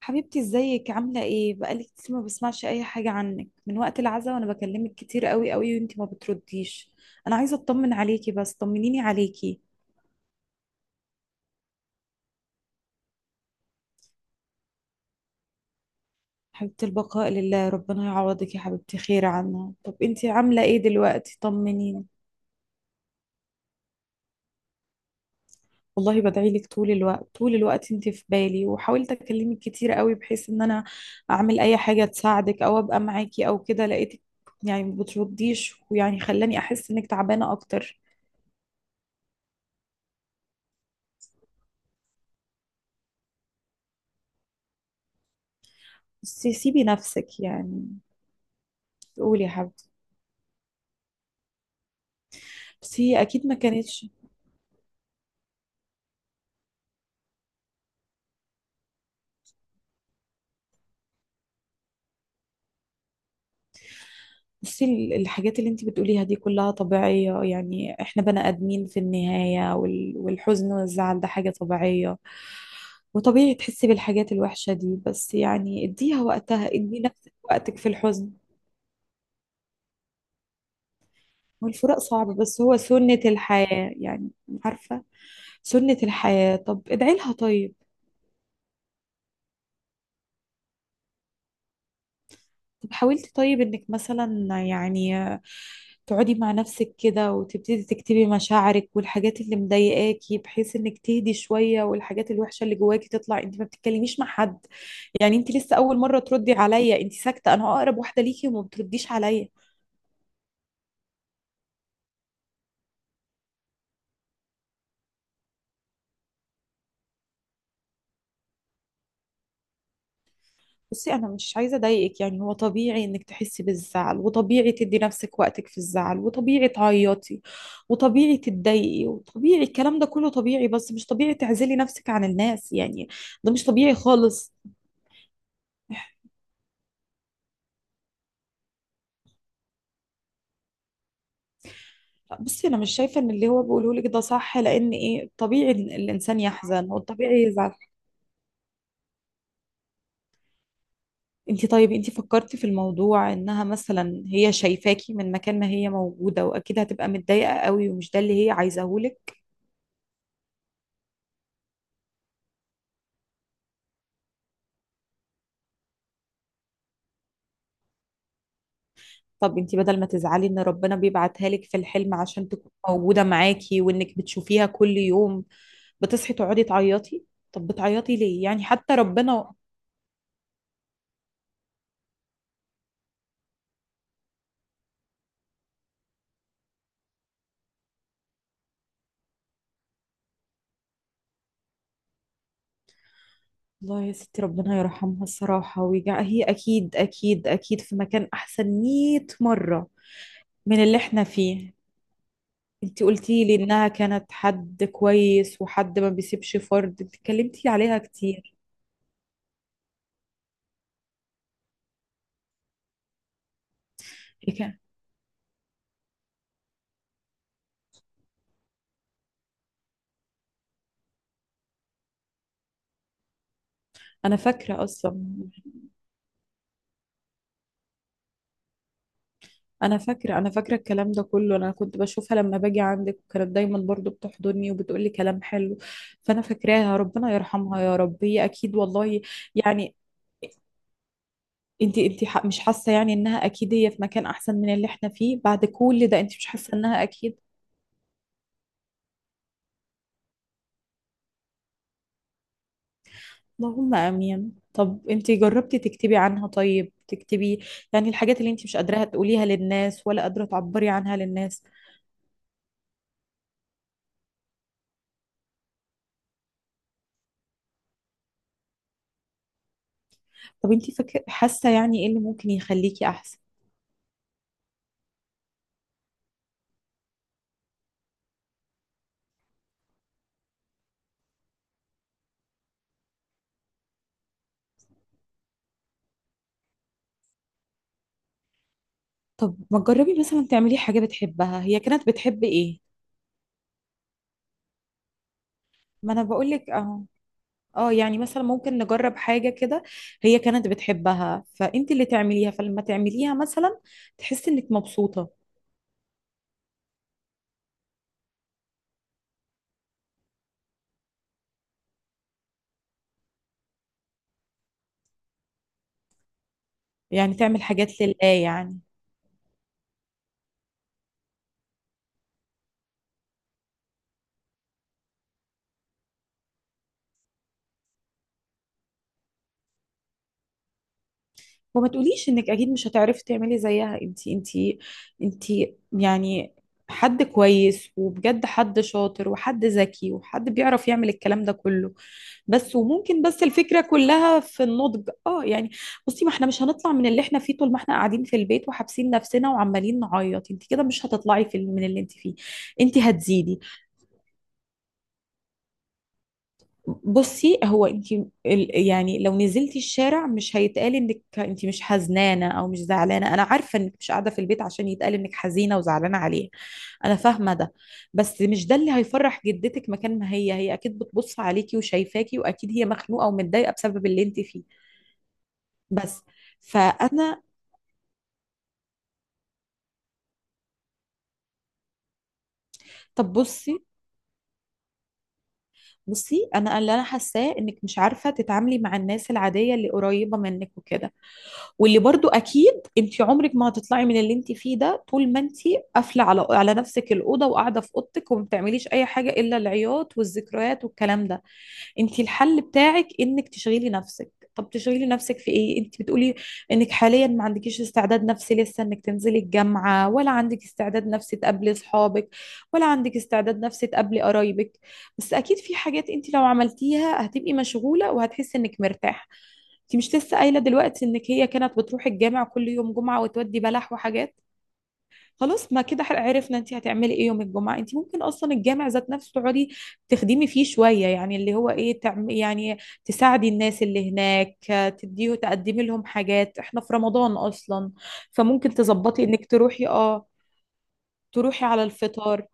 حبيبتي، ازيك؟ عاملة ايه؟ بقالي كتير ما بسمعش اي حاجة عنك من وقت العزاء، وانا بكلمك كتير قوي قوي وانتي ما بترديش. انا عايزة اطمن عليكي، بس طمنيني عليكي. حبيبة، البقاء لله، ربنا يعوضك يا حبيبتي خير عنها. طب انتي عاملة ايه دلوقتي؟ طمنيني. والله بدعي لك طول الوقت طول الوقت، انتي في بالي، وحاولت اكلمك كتير قوي بحيث ان انا اعمل اي حاجة تساعدك او ابقى معاكي او كده. لقيتك يعني ما بترديش، ويعني خلاني احس انك تعبانة اكتر. بس سيبي نفسك يعني. قولي يا حبيبتي. بس هي اكيد ما كانتش. بصي الحاجات اللي انت بتقوليها دي كلها طبيعية، يعني احنا بني ادمين في النهاية، والحزن والزعل ده حاجة طبيعية، وطبيعي تحسي بالحاجات الوحشة دي. بس يعني اديها وقتها، ادي نفسك وقتك في الحزن. والفراق صعب بس هو سنة الحياة يعني. عارفة، سنة الحياة. طب ادعي لها طيب. طب حاولتي طيب انك مثلا يعني تقعدي مع نفسك كده وتبتدي تكتبي مشاعرك والحاجات اللي مضايقاكي، بحيث انك تهدي شوية والحاجات الوحشة اللي جواكي تطلع؟ انت ما بتتكلميش مع حد. يعني انت لسه اول مرة تردي عليا، انت ساكتة، انا اقرب واحدة ليكي وما بترديش عليا. بصي انا مش عايزه اضايقك، يعني هو طبيعي انك تحسي بالزعل، وطبيعي تدي نفسك وقتك في الزعل، وطبيعي تعيطي وطبيعي تتضايقي، وطبيعي الكلام ده كله طبيعي، بس مش طبيعي تعزلي نفسك عن الناس يعني. ده مش طبيعي خالص. بصي انا مش شايفه ان اللي هو بيقوله لك ده صح، لان ايه، طبيعي إن الانسان يحزن والطبيعي يزعل. انت طيب، انت فكرتي في الموضوع انها مثلا هي شايفاكي من مكان ما هي موجوده، واكيد هتبقى متضايقه قوي، ومش ده اللي هي عايزاهولك؟ طب انتي بدل ما تزعلي ان ربنا بيبعتها لك في الحلم عشان تكون موجودة معاكي، وانك بتشوفيها كل يوم، بتصحي تقعدي تعيطي. طب بتعيطي ليه يعني؟ حتى ربنا. الله يا ستي، ربنا يرحمها الصراحة ويجع. هي اكيد اكيد اكيد في مكان احسن 100 مرة من اللي احنا فيه. انتي قلتي لي انها كانت حد كويس وحد ما بيسيبش فرد، انتي اتكلمتي عليها كتير. هي كان- انا فاكرة اصلا. انا فاكره الكلام ده كله، انا كنت بشوفها لما باجي عندك، وكانت دايما برضو بتحضني وبتقولي كلام حلو، فانا فاكراها. ربنا يرحمها يا رب، هي اكيد والله. يعني مش حاسه يعني انها اكيد هي في مكان احسن من اللي احنا فيه؟ بعد كل ده انت مش حاسه انها اكيد؟ اللهم امين. طب انت جربتي تكتبي عنها؟ طيب تكتبي يعني الحاجات اللي انت مش قادره تقوليها للناس، ولا قادره تعبري عنها للناس. طب انت فاكره حاسه يعني ايه اللي ممكن يخليكي احسن؟ طب ما تجربي مثلا تعملي حاجة بتحبها؟ هي كانت بتحب ايه؟ ما انا بقولك اهو. اه، يعني مثلا ممكن نجرب حاجة كده هي كانت بتحبها، فانت اللي تعمليها، فلما تعمليها مثلا تحسي انك مبسوطة. يعني تعمل حاجات لله يعني. وما تقوليش انك اكيد مش هتعرفي تعملي زيها. انت يعني حد كويس، وبجد حد شاطر وحد ذكي وحد بيعرف يعمل الكلام ده كله. بس وممكن بس الفكرة كلها في النضج، اه يعني. بصي ما احنا مش هنطلع من اللي احنا فيه طول ما احنا قاعدين في البيت وحابسين نفسنا وعمالين نعيط. انت كده مش هتطلعي في من اللي انت فيه، انت هتزيدي. بصي هو انت، يعني لو نزلتي الشارع مش هيتقال انك انت مش حزنانة او مش زعلانة. انا عارفة انك مش قاعدة في البيت عشان يتقال انك حزينة وزعلانة عليه، انا فاهمة ده. بس مش ده اللي هيفرح جدتك. مكان ما هي، هي اكيد بتبص عليكي وشايفاكي، واكيد هي مخنوقة ومتضايقة بسبب اللي انت فيه. بس فانا طب بصي انا اللي انا حاساه انك مش عارفه تتعاملي مع الناس العاديه اللي قريبه منك وكده. واللي برضو اكيد انت عمرك ما هتطلعي من اللي انت فيه ده طول ما انت قافله على نفسك الاوضه، وقاعده في اوضتك، وما بتعمليش اي حاجه الا العياط والذكريات والكلام ده. انت الحل بتاعك انك تشغلي نفسك. طب تشغلي نفسك في ايه؟ انت بتقولي انك حاليا ما عندكيش استعداد نفسي لسه انك تنزلي الجامعة، ولا عندك استعداد نفسي تقابلي اصحابك، ولا عندك استعداد نفسي تقابلي قرايبك. بس اكيد في حاجات انت لو عملتيها هتبقي مشغولة وهتحسي انك مرتاحة. انت مش لسه قايلة دلوقتي انك هي كانت بتروح الجامع كل يوم جمعة وتودي بلح وحاجات؟ خلاص ما كده عرفنا انت هتعملي ايه يوم الجمعه. انت ممكن اصلا الجامع ذات نفسه تقعدي تخدمي فيه شويه، يعني اللي هو ايه، تعم يعني تساعدي الناس اللي هناك، آه، تديه تقدمي لهم حاجات، احنا في رمضان اصلا، فممكن تظبطي انك تروحي، اه، تروحي على الفطار.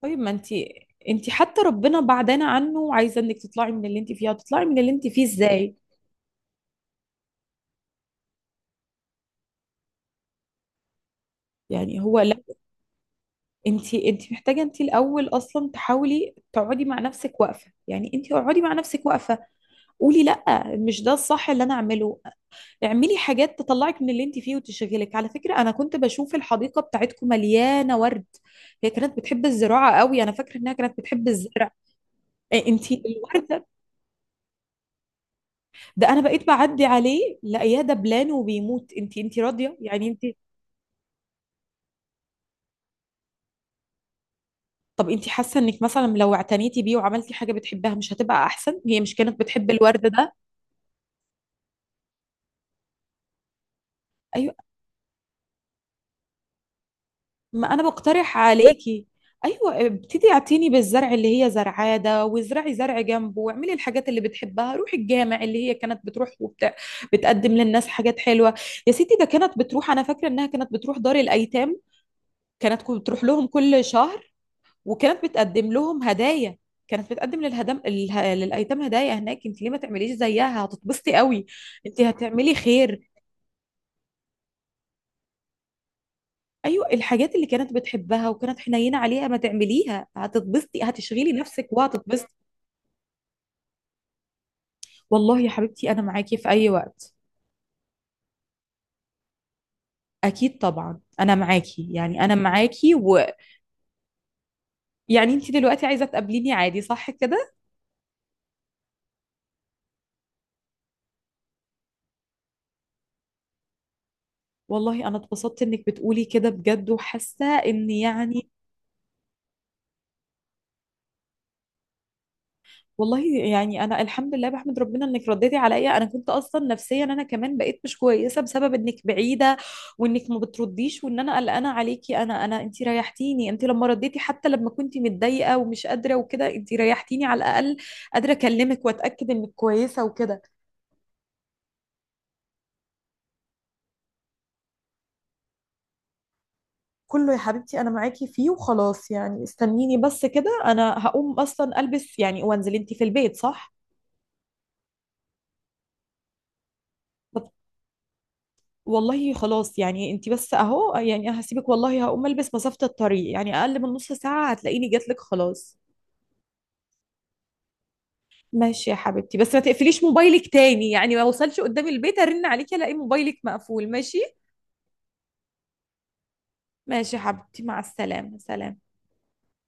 طيب ما انت، انت حتى ربنا بعدنا عنه، وعايزه انك تطلعي من اللي انت فيه. هتطلعي من اللي انت فيه ازاي؟ يعني هو لا، انت محتاجه انت الاول اصلا تحاولي تقعدي مع نفسك واقفه، يعني انت اقعدي مع نفسك واقفه، قولي لا مش ده الصح اللي انا اعمله. اعملي حاجات تطلعك من اللي انت فيه وتشغلك. على فكرة انا كنت بشوف الحديقة بتاعتكم مليانة ورد، هي كانت بتحب الزراعة قوي، انا فاكرة انها كانت بتحب الزرع. انت الورد ده انا بقيت بعدي عليه لاقياه دبلان وبيموت. انت انت راضية يعني انت؟ طب انت حاسة انك مثلا لو اعتنيتي بيه وعملتي حاجة بتحبها مش هتبقى احسن؟ هي مش كانت بتحب الورد ده؟ ايوه، ما انا بقترح عليكي. ايوه، ابتدي اعتني بالزرع اللي هي زرعاه ده، وازرعي زرع جنبه، واعملي الحاجات اللي بتحبها. روحي الجامع اللي هي كانت بتروح بتقدم للناس حاجات حلوه. يا ستي، ده كانت بتروح، انا فاكره انها كانت بتروح دار الايتام، بتروح لهم كل شهر وكانت بتقدم لهم هدايا. كانت بتقدم للايتام هدايا هناك. انت ليه ما تعمليش زيها؟ هتتبسطي قوي، انت هتعملي خير. ايوه الحاجات اللي كانت بتحبها وكانت حنينه عليها ما تعمليها، هتتبسطي، هتشغلي نفسك وهتتبسطي. والله يا حبيبتي انا معاكي في اي وقت. اكيد طبعا انا معاكي، يعني انا معاكي ويعني. انت دلوقتي عايزه تقابليني عادي، صح كده؟ والله انا اتبسطت انك بتقولي كده بجد، وحاسه ان يعني. والله يعني انا الحمد لله بحمد ربنا انك رديتي عليا. انا كنت اصلا نفسيا انا كمان بقيت مش كويسه بسبب انك بعيده، وانك ما بترديش، وان انا قلقانه عليكي. انا انت ريحتيني. انت لما رديتي حتى لما كنت متضايقه ومش قادره وكده، انت ريحتيني على الاقل قادره اكلمك واتاكد انك كويسه وكده. كله يا حبيبتي انا معاكي فيه، وخلاص يعني استنيني بس كده. انا هقوم اصلا البس يعني وانزل. انت في البيت صح؟ والله خلاص يعني، انت بس اهو يعني، انا هسيبك والله، هقوم البس، مسافة الطريق يعني اقل من نص ساعة هتلاقيني جاتلك خلاص. ماشي يا حبيبتي، بس ما تقفليش موبايلك تاني، يعني ما اوصلش قدام البيت ارن عليكي الاقي موبايلك مقفول. ماشي، ماشي يا حبيبتي، مع السلامة، سلام.